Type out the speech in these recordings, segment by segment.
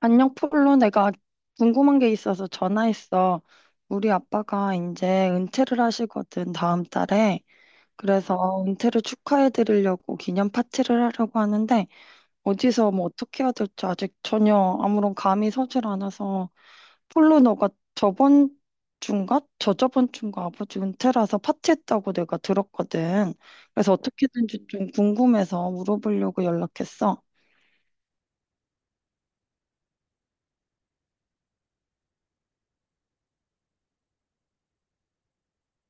안녕, 폴로. 내가 궁금한 게 있어서 전화했어. 우리 아빠가 이제 은퇴를 하시거든, 다음 달에. 그래서 은퇴를 축하해 드리려고 기념 파티를 하려고 하는데, 어디서 뭐 어떻게 해야 될지 아직 전혀 아무런 감이 서질 않아서, 폴로 너가 저번 주인가? 저저번 주인가 아버지 은퇴라서 파티했다고 내가 들었거든. 그래서 어떻게든지 좀 궁금해서 물어보려고 연락했어.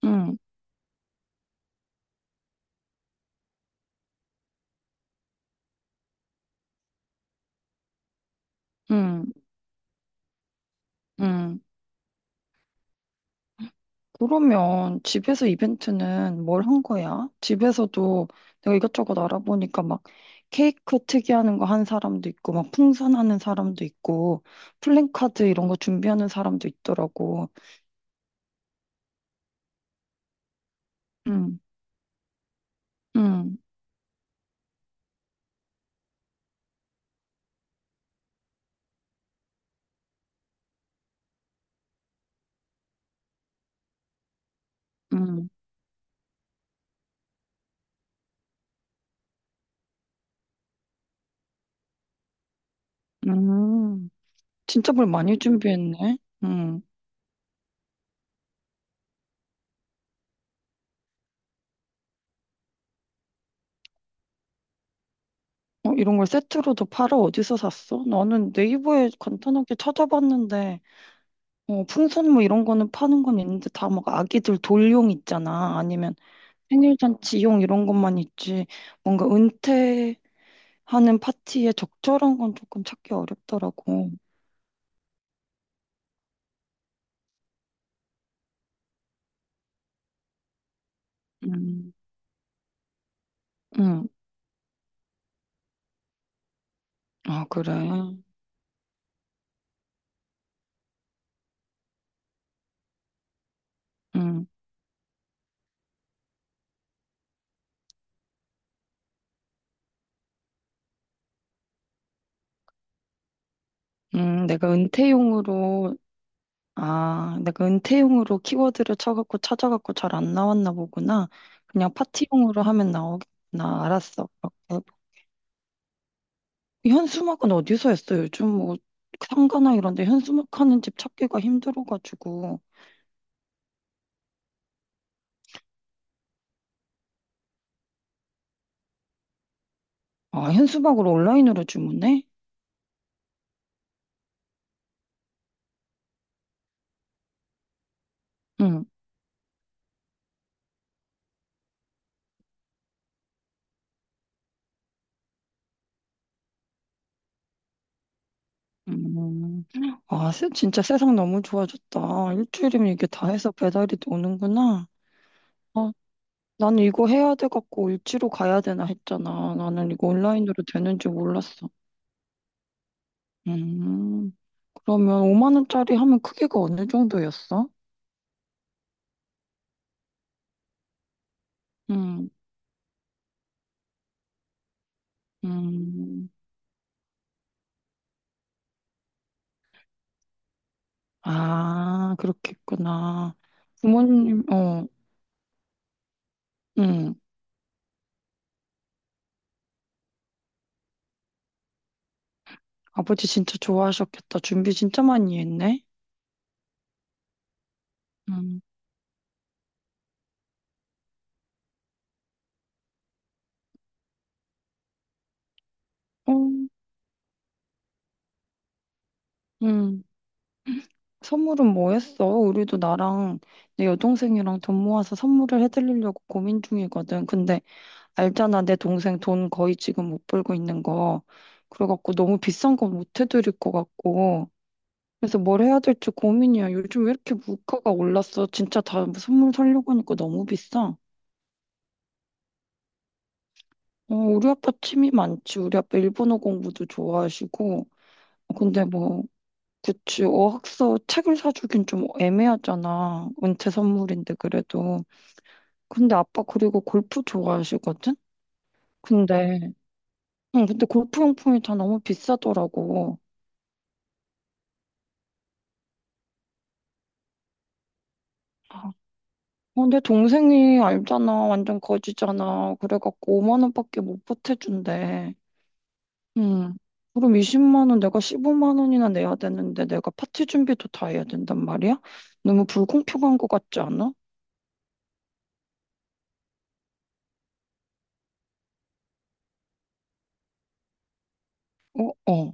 응, 응, 응. 그러면 집에서 이벤트는 뭘 한 거야? 집에서도 내가 이것저것 알아보니까 막 케이크 특이하는 거 한 사람도 있고, 막 풍선하는 사람도 있고, 플랜카드 이런 거 준비하는 사람도 있더라고. 응, 응, 응, 응. 진짜 뭘 많이 준비했네. 응. 어, 이런 걸 세트로도 팔아? 어디서 샀어? 나는 네이버에 간단하게 찾아봤는데, 어, 풍선 뭐 이런 거는 파는 건 있는데 다 막 아기들 돌용 있잖아. 아니면 생일잔치용 이런 것만 있지, 뭔가 은퇴하는 파티에 적절한 건 조금 찾기 어렵더라고. 음, 음, 아, 그래. 음, 내가 은퇴용으로, 아, 내가 은퇴용으로 키워드를 쳐갖고 찾아갖고 잘 안 나왔나 보구나. 그냥 파티용으로 하면 나오겠구나. 알았어. 그렇게. 현수막은 어디서 했어? 요즘 뭐 상가나 이런 데 현수막 하는 집 찾기가 힘들어가지고. 아, 현수막으로 온라인으로 주문해? 응. 음. 아, 진짜 세상 너무 좋아졌다. 일주일이면 이게 다 해서 배달이 오는구나. 어, 나는 이거 해야 돼갖고 일지로 가야 되나 했잖아. 나는 이거 온라인으로 되는지 몰랐어. 음, 그러면 5만 원짜리 하면 크기가 어느 정도였어? 음, 음. 아, 그렇겠구나. 부모님, 어, 음. 아버지 진짜 좋아하셨겠다. 준비 진짜 많이 했네. 음, 어, 음. 선물은 뭐였어? 우리도 나랑 내 여동생이랑 돈 모아서 선물을 해드리려고 고민 중이거든. 근데 알잖아, 내 동생 돈 거의 지금 못 벌고 있는 거. 그래갖고 너무 비싼 건 못 해드릴 것 같고. 그래서 뭘 해야 될지 고민이야. 요즘 왜 이렇게 물가가 올랐어? 진짜 다 선물 사려고 하니까 너무 비싸. 어, 우리 아빠 취미 많지. 우리 아빠 일본어 공부도 좋아하시고. 근데 뭐, 그치, 어학서 책을 사주긴 좀 애매하잖아. 은퇴 선물인데 그래도. 근데 아빠 그리고 골프 좋아하시거든? 근데, 응, 근데 골프 용품이 다 너무 비싸더라고. 아, 어, 내 동생이 알잖아. 완전 거지잖아. 그래갖고 5만 원밖에 못 보태준대. 응. 그럼 20만 원 내가 15만 원이나 내야 되는데 내가 파티 준비도 다 해야 된단 말이야? 너무 불공평한 것 같지 않아? 어, 어.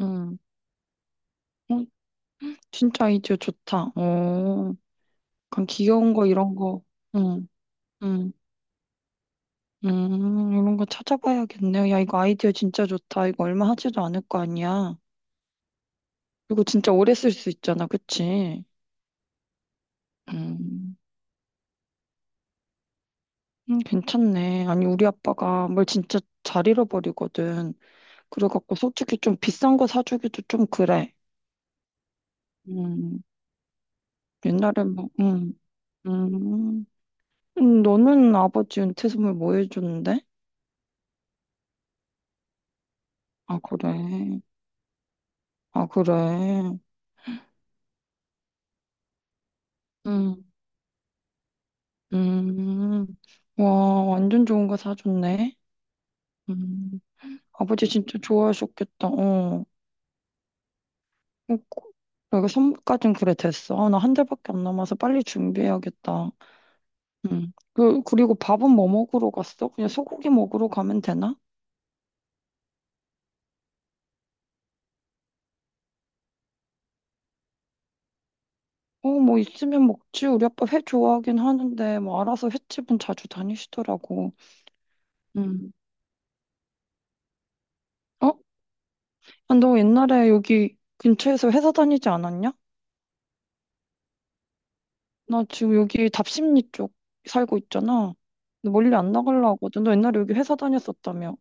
응. 어, 진짜 아이디어 좋다. 어. 그냥 귀여운 거 이런 거. 응. 응. 이런 거 찾아봐야겠네요. 야, 이거 아이디어 진짜 좋다. 이거 얼마 하지도 않을 거 아니야. 그리고 진짜 오래 쓸 수 있잖아. 그치? 음, 괜찮네. 아니, 우리 아빠가 뭘 진짜 잘 잃어버리거든. 그래갖고 솔직히 좀 비싼 거 사주기도 좀 그래. 음, 옛날에 뭐, 음. 너는 아버지 은퇴 선물 뭐 해줬는데? 아, 그래. 아, 그래. 음, 음. 와, 완전 좋은 거 사줬네. 음. 아버지 진짜 좋아하셨겠다. 어. 어, 내가 선물까진 그래 됐어. 아, 나 한 달밖에 안 남아서 빨리 준비해야겠다. 음. 그리고 밥은 뭐 먹으러 갔어? 그냥 소고기 먹으러 가면 되나? 어, 뭐 있으면 먹지. 우리 아빠 회 좋아하긴 하는데 뭐 알아서 횟집은 자주 다니시더라고. 음. 어? 아, 너 옛날에 여기 근처에서 회사 다니지 않았냐? 나 지금 여기 답십리 쪽 살고 있잖아. 너 멀리 안 나가려고 하거든. 너 옛날에 여기 회사 다녔었다며.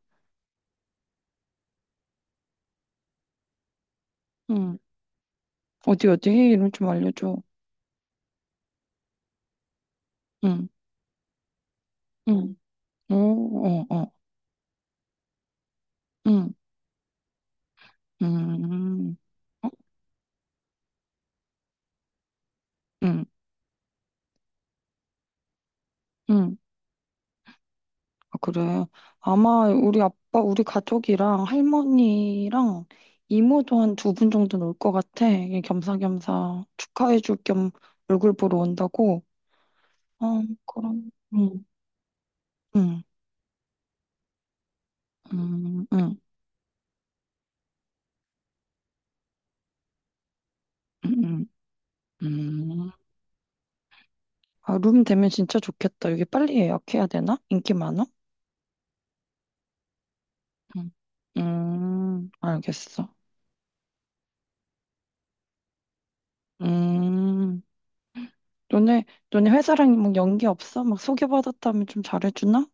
응. 어디 어디 이름 좀 알려줘. 응, 응, 어, 어, 어, 응, 음, 음. 어, 응, 응. 아, 그래. 아마 우리 아빠, 우리 가족이랑 할머니랑 이모도 한 두 분 정도는 올 것 같아. 이게 겸사겸사 축하해줄 겸 얼굴 보러 온다고. 어, 그럼. 응, 응, 응, 응, 응, 응. 응. 아, 룸 되면 진짜 좋겠다. 여기 빨리 예약해야 되나? 인기 많아? 응. 알겠어. 음, 너네, 너네 회사랑 뭐 연기 없어? 막 소개받았다면 좀 잘해주나?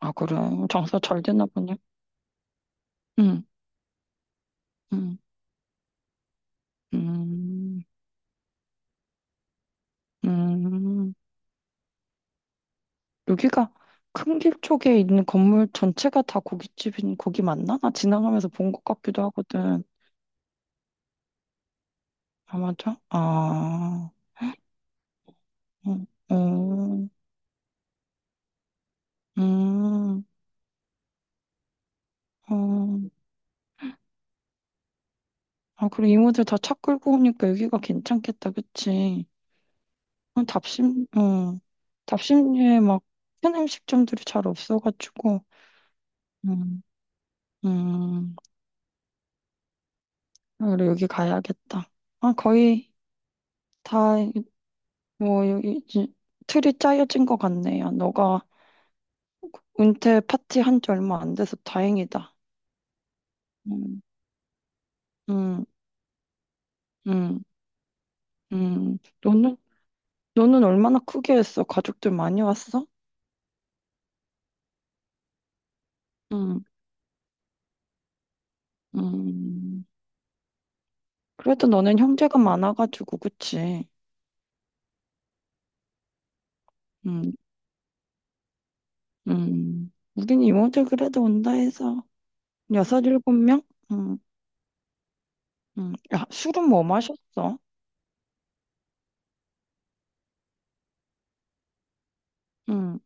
아, 그래. 장사 잘 되나 보네. 응, 응, 음, 음. 여기가 큰길 쪽에 있는 건물 전체가 다 고깃집인 고기 맞나? 나 지나가면서 본 것 같기도 하거든. 아, 맞아? 아, 응, 음, 음, 어. 아, 그래. 이모들 다 차 끌고 오니까 여기가 괜찮겠다, 그치? 어, 답심, 음, 답심리에 막큰 음식점들이 잘 없어가지고, 음, 음, 아, 그래, 여기 가야겠다. 아, 거의 다, 뭐, 여기 이제 틀이 짜여진 것 같네요. 너가 은퇴 파티 한지 얼마 안 돼서 다행이다. 음, 음, 음, 음. 너는, 너는 얼마나 크게 했어? 가족들 많이 왔어? 음, 음. 그래도 너는 형제가 많아가지고, 그치? 음, 우린 이모들 그래도 온다 해서 6, 7명? 음, 야, 술은 뭐 마셨어? 음,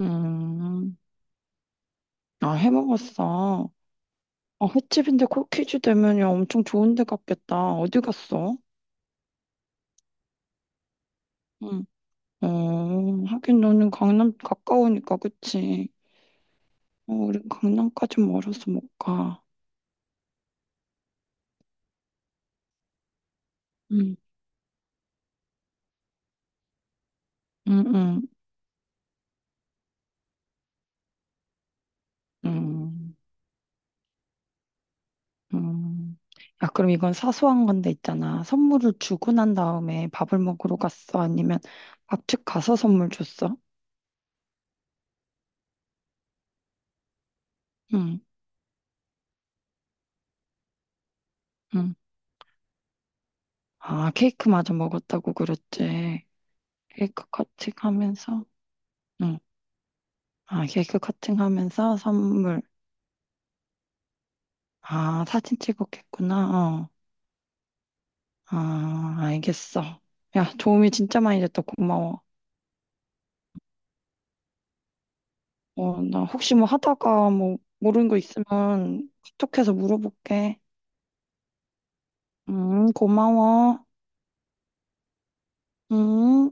음. 아, 해 먹었어. 아, 횟집인데 코키즈 되면 야, 엄청 좋은 데 갔겠다. 어디 갔어? 음. 어, 하긴 너는 강남 가까우니까 그치? 어, 우린 강남까지 멀어서 못 가. 음, 음, 음, 음. 음, 야, 그럼 이건 사소한 건데 있잖아. 선물을 주고 난 다음에 밥을 먹으러 갔어? 아니면 밥집 가서 선물 줬어? 응, 응. 아, 케이크마저 먹었다고 그랬지. 케이크 커팅 하면서? 응. 아, 케이크 커팅 하면서 선물. 아, 사진 찍었겠구나. 어. 아, 알겠어. 야, 도움이 진짜 많이 됐다. 고마워. 어, 나 혹시 뭐 하다가 뭐 모르는 거 있으면 카톡해서 물어볼게. 고마워. 음,